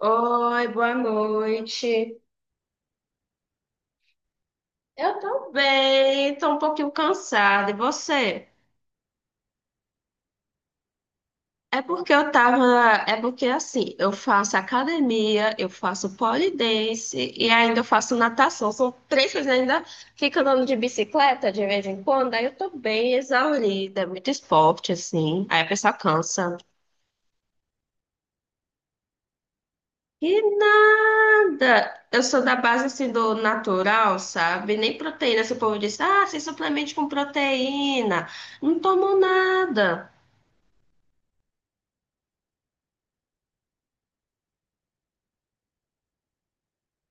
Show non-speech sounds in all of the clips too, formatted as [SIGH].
Oi, boa noite. Eu tô bem, tô um pouquinho cansada. E você? É porque eu tava. É porque assim, eu faço academia, eu faço pole dance e ainda eu faço natação. São três coisas, ainda fico andando de bicicleta de vez em quando. Aí eu tô bem exaurida, é muito esporte, assim. Aí a pessoa cansa. Que nada! Eu sou da base assim do natural, sabe? Nem proteína. Se o povo diz, ah, você suplemente com proteína. Não tomo nada.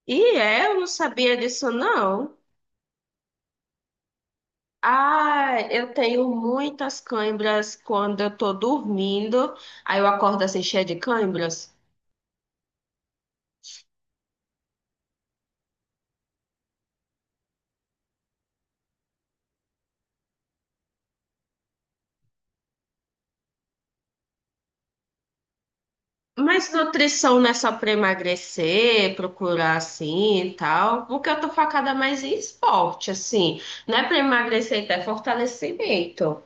E é, eu não sabia disso, não. Ah, eu tenho muitas cãibras quando eu tô dormindo. Aí eu acordo assim, cheia de cãibras. Mas nutrição não é só pra emagrecer, procurar assim e tal. Porque eu tô focada mais em esporte, assim. Não é pra emagrecer, então é fortalecimento.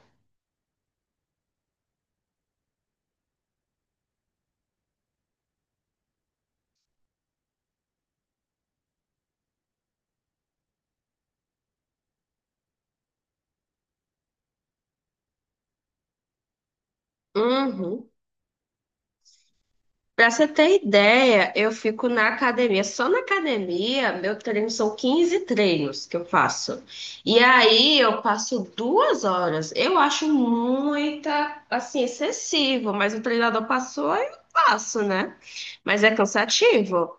Uhum. Pra você ter ideia, eu fico na academia. Só na academia, meu treino são 15 treinos que eu faço. E aí eu passo 2 horas. Eu acho muita, assim, excessivo, mas o treinador passou, eu passo, né? Mas é cansativo.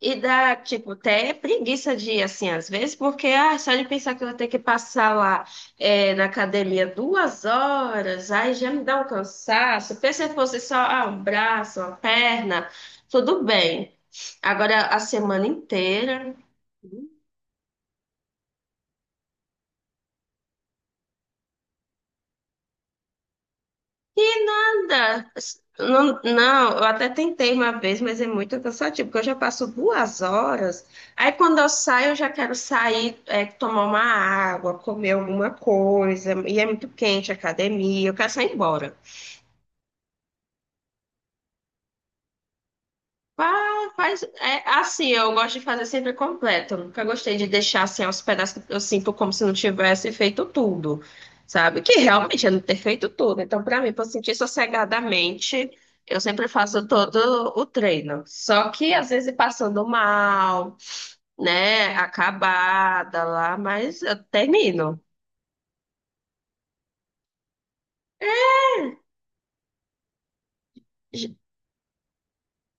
E dá, tipo, até preguiça de ir, assim, às vezes, porque ah, só de pensar que eu vou ter que passar lá, é, na academia 2 horas, aí já me dá um cansaço. Pensa se fosse só, ah, um braço, uma perna, tudo bem. Agora, a semana inteira. Nada. Não, não, eu até tentei uma vez, mas é muito cansativo, porque eu já passo 2 horas. Aí quando eu saio, eu já quero sair, é, tomar uma água, comer alguma coisa, e é muito quente a academia, eu quero sair embora. Fa- Faz, é, assim, eu gosto de fazer sempre completo. Eu nunca gostei de deixar assim aos pedaços, que eu sinto como se não tivesse feito tudo, sabe? Que realmente é não ter feito tudo. Então, para mim, para sentir sossegadamente, eu sempre faço todo o treino. Só que às vezes passando mal, né? Acabada lá, mas eu termino. J-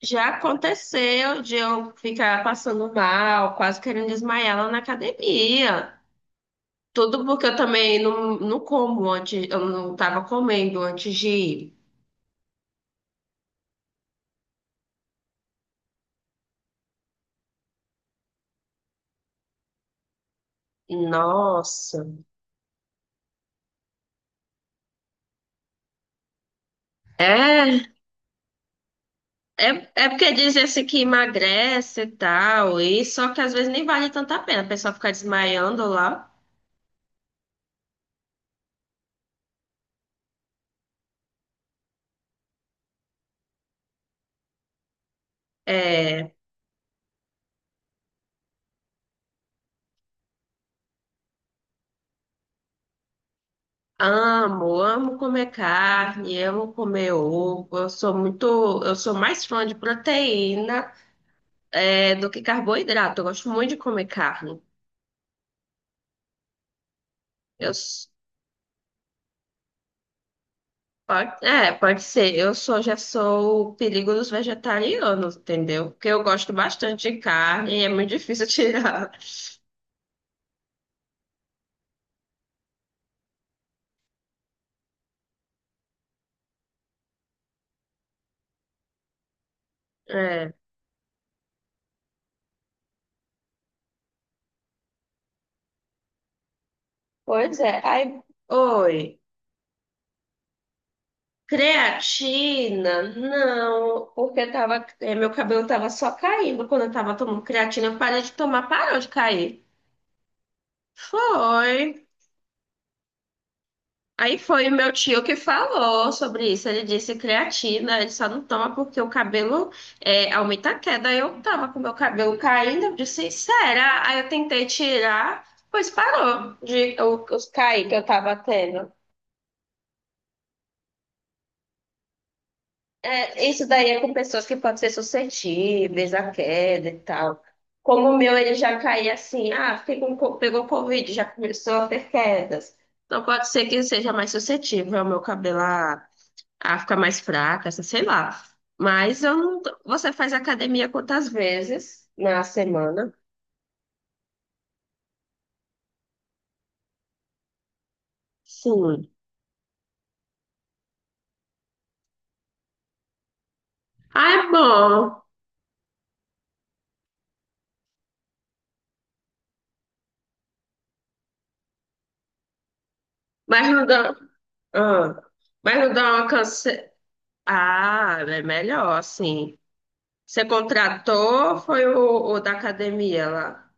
Já aconteceu de eu ficar passando mal, quase querendo desmaiar lá na academia. Tudo porque eu também não, não como antes, eu não tava comendo antes de ir. Nossa. É, é, é, porque dizem assim que emagrece e tal, e só que às vezes nem vale tanto a pena, a pessoa fica desmaiando lá. É, amo, amo comer carne, amo comer ovo. Eu sou mais fã de proteína, é, do que carboidrato. Eu gosto muito de comer carne. Eu Pode, é, pode ser. Eu sou, já sou o perigo dos vegetarianos, entendeu? Porque eu gosto bastante de carne e é muito difícil [LAUGHS] tirar. É. Pois é. Aí, oi. Creatina? Não, porque tava, é, meu cabelo tava só caindo quando eu tava tomando creatina. Eu parei de tomar, parou de cair. Foi. Aí foi o meu tio que falou sobre isso. Ele disse creatina, ele só não toma porque o cabelo, é, aumenta a queda. Aí eu tava com meu cabelo caindo, eu disse, será? Aí eu tentei tirar, pois parou de os cair que eu tava tendo. É, isso daí é com pessoas que podem ser suscetíveis à queda e tal. Como o meu, ele já caía assim, ah, fiquei pegou Covid, já começou a ter quedas. Então pode ser que seja mais suscetível ao meu cabelo. Ah, fica mais fraca, essa- sei lá. Mas eu não. Você faz academia quantas vezes na semana? Sim. Ah, é bom. Mas não dá. Ah, mas não dá uma canse- Ah, é melhor, sim. Você contratou ou foi o da academia lá?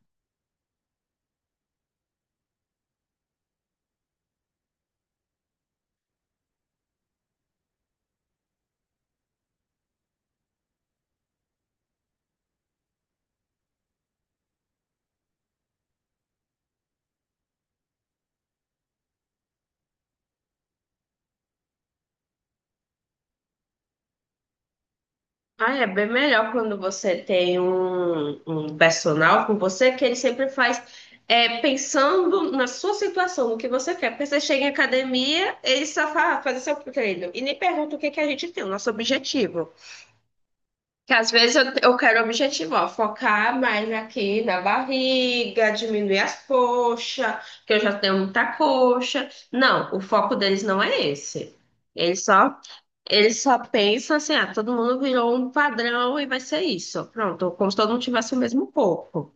Ah, é bem melhor quando você tem um personal com você, que ele sempre faz, é, pensando na sua situação, no que você quer. Porque você chega em academia, ele só fala, "Ah, fazer seu treino." E nem pergunta o que que a gente tem, o nosso objetivo. Que às vezes eu quero objetivo, ó, focar mais aqui na barriga, diminuir as coxas, que eu já tenho muita coxa. Não, o foco deles não é esse. Eles só eles só pensam assim, ah, todo mundo virou um padrão e vai ser isso. Pronto, como se todo mundo tivesse o mesmo corpo.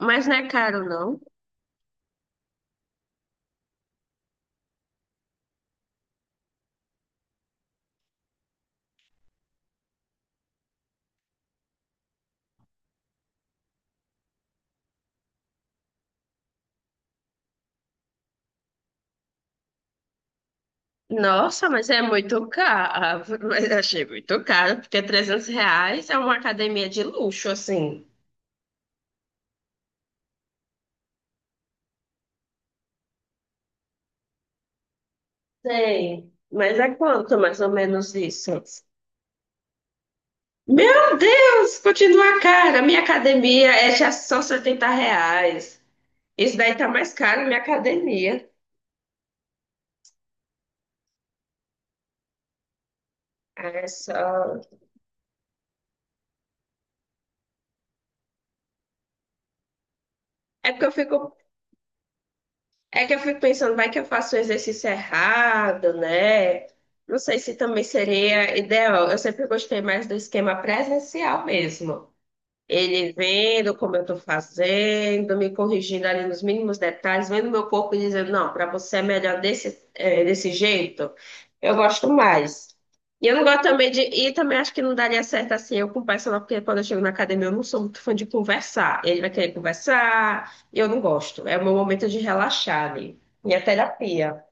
Mas não é caro, não. Nossa, mas é muito caro. [LAUGHS] Mas eu achei muito caro, porque R$ 300 é uma academia de luxo, assim. Sei. Mas é quanto mais ou menos isso? Meu Deus, continua cara. Minha academia é já só R$ 70. Isso daí tá mais caro, minha academia. É só. É porque eu fico É que eu fico pensando, vai que eu faço o exercício errado, né? Não sei se também seria ideal. Eu sempre gostei mais do esquema presencial mesmo. Ele vendo como eu estou fazendo, me corrigindo ali nos mínimos detalhes, vendo meu corpo e dizendo, não, para você é melhor desse, é, desse jeito, eu gosto mais. E eu não gosto também de. E também acho que não daria certo assim eu com o personal, porque quando eu chego na academia eu não sou muito fã de conversar. Ele vai querer conversar, e eu não gosto. É o meu momento de relaxar ali. Minha terapia.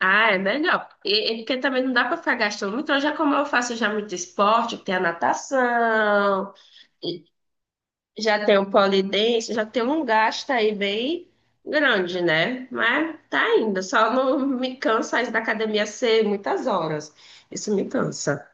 Ah, é melhor. E porque também não dá para ficar gastando muito. Hoje, é como eu faço já muito esporte, tem a natação. Já tem o polidense, já tem um gasto aí bem grande, né? Mas tá indo, só não me cansa isso da academia ser muitas horas. Isso me cansa.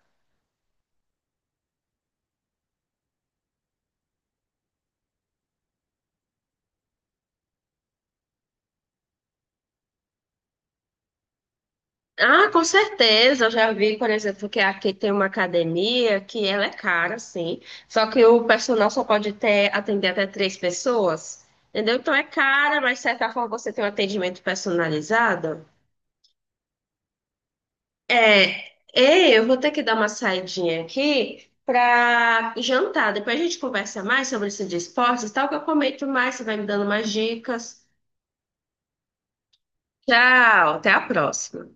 Ah, com certeza, eu já vi, por exemplo, que aqui tem uma academia que ela é cara, sim, só que o personal só pode ter, atender até três pessoas, entendeu? Então é cara, mas de certa forma você tem um atendimento personalizado. É, ei, eu vou ter que dar uma saidinha aqui para jantar. Depois a gente conversa mais sobre isso de esportes, tal, que eu comento mais, você vai me dando mais dicas. Tchau, até a próxima.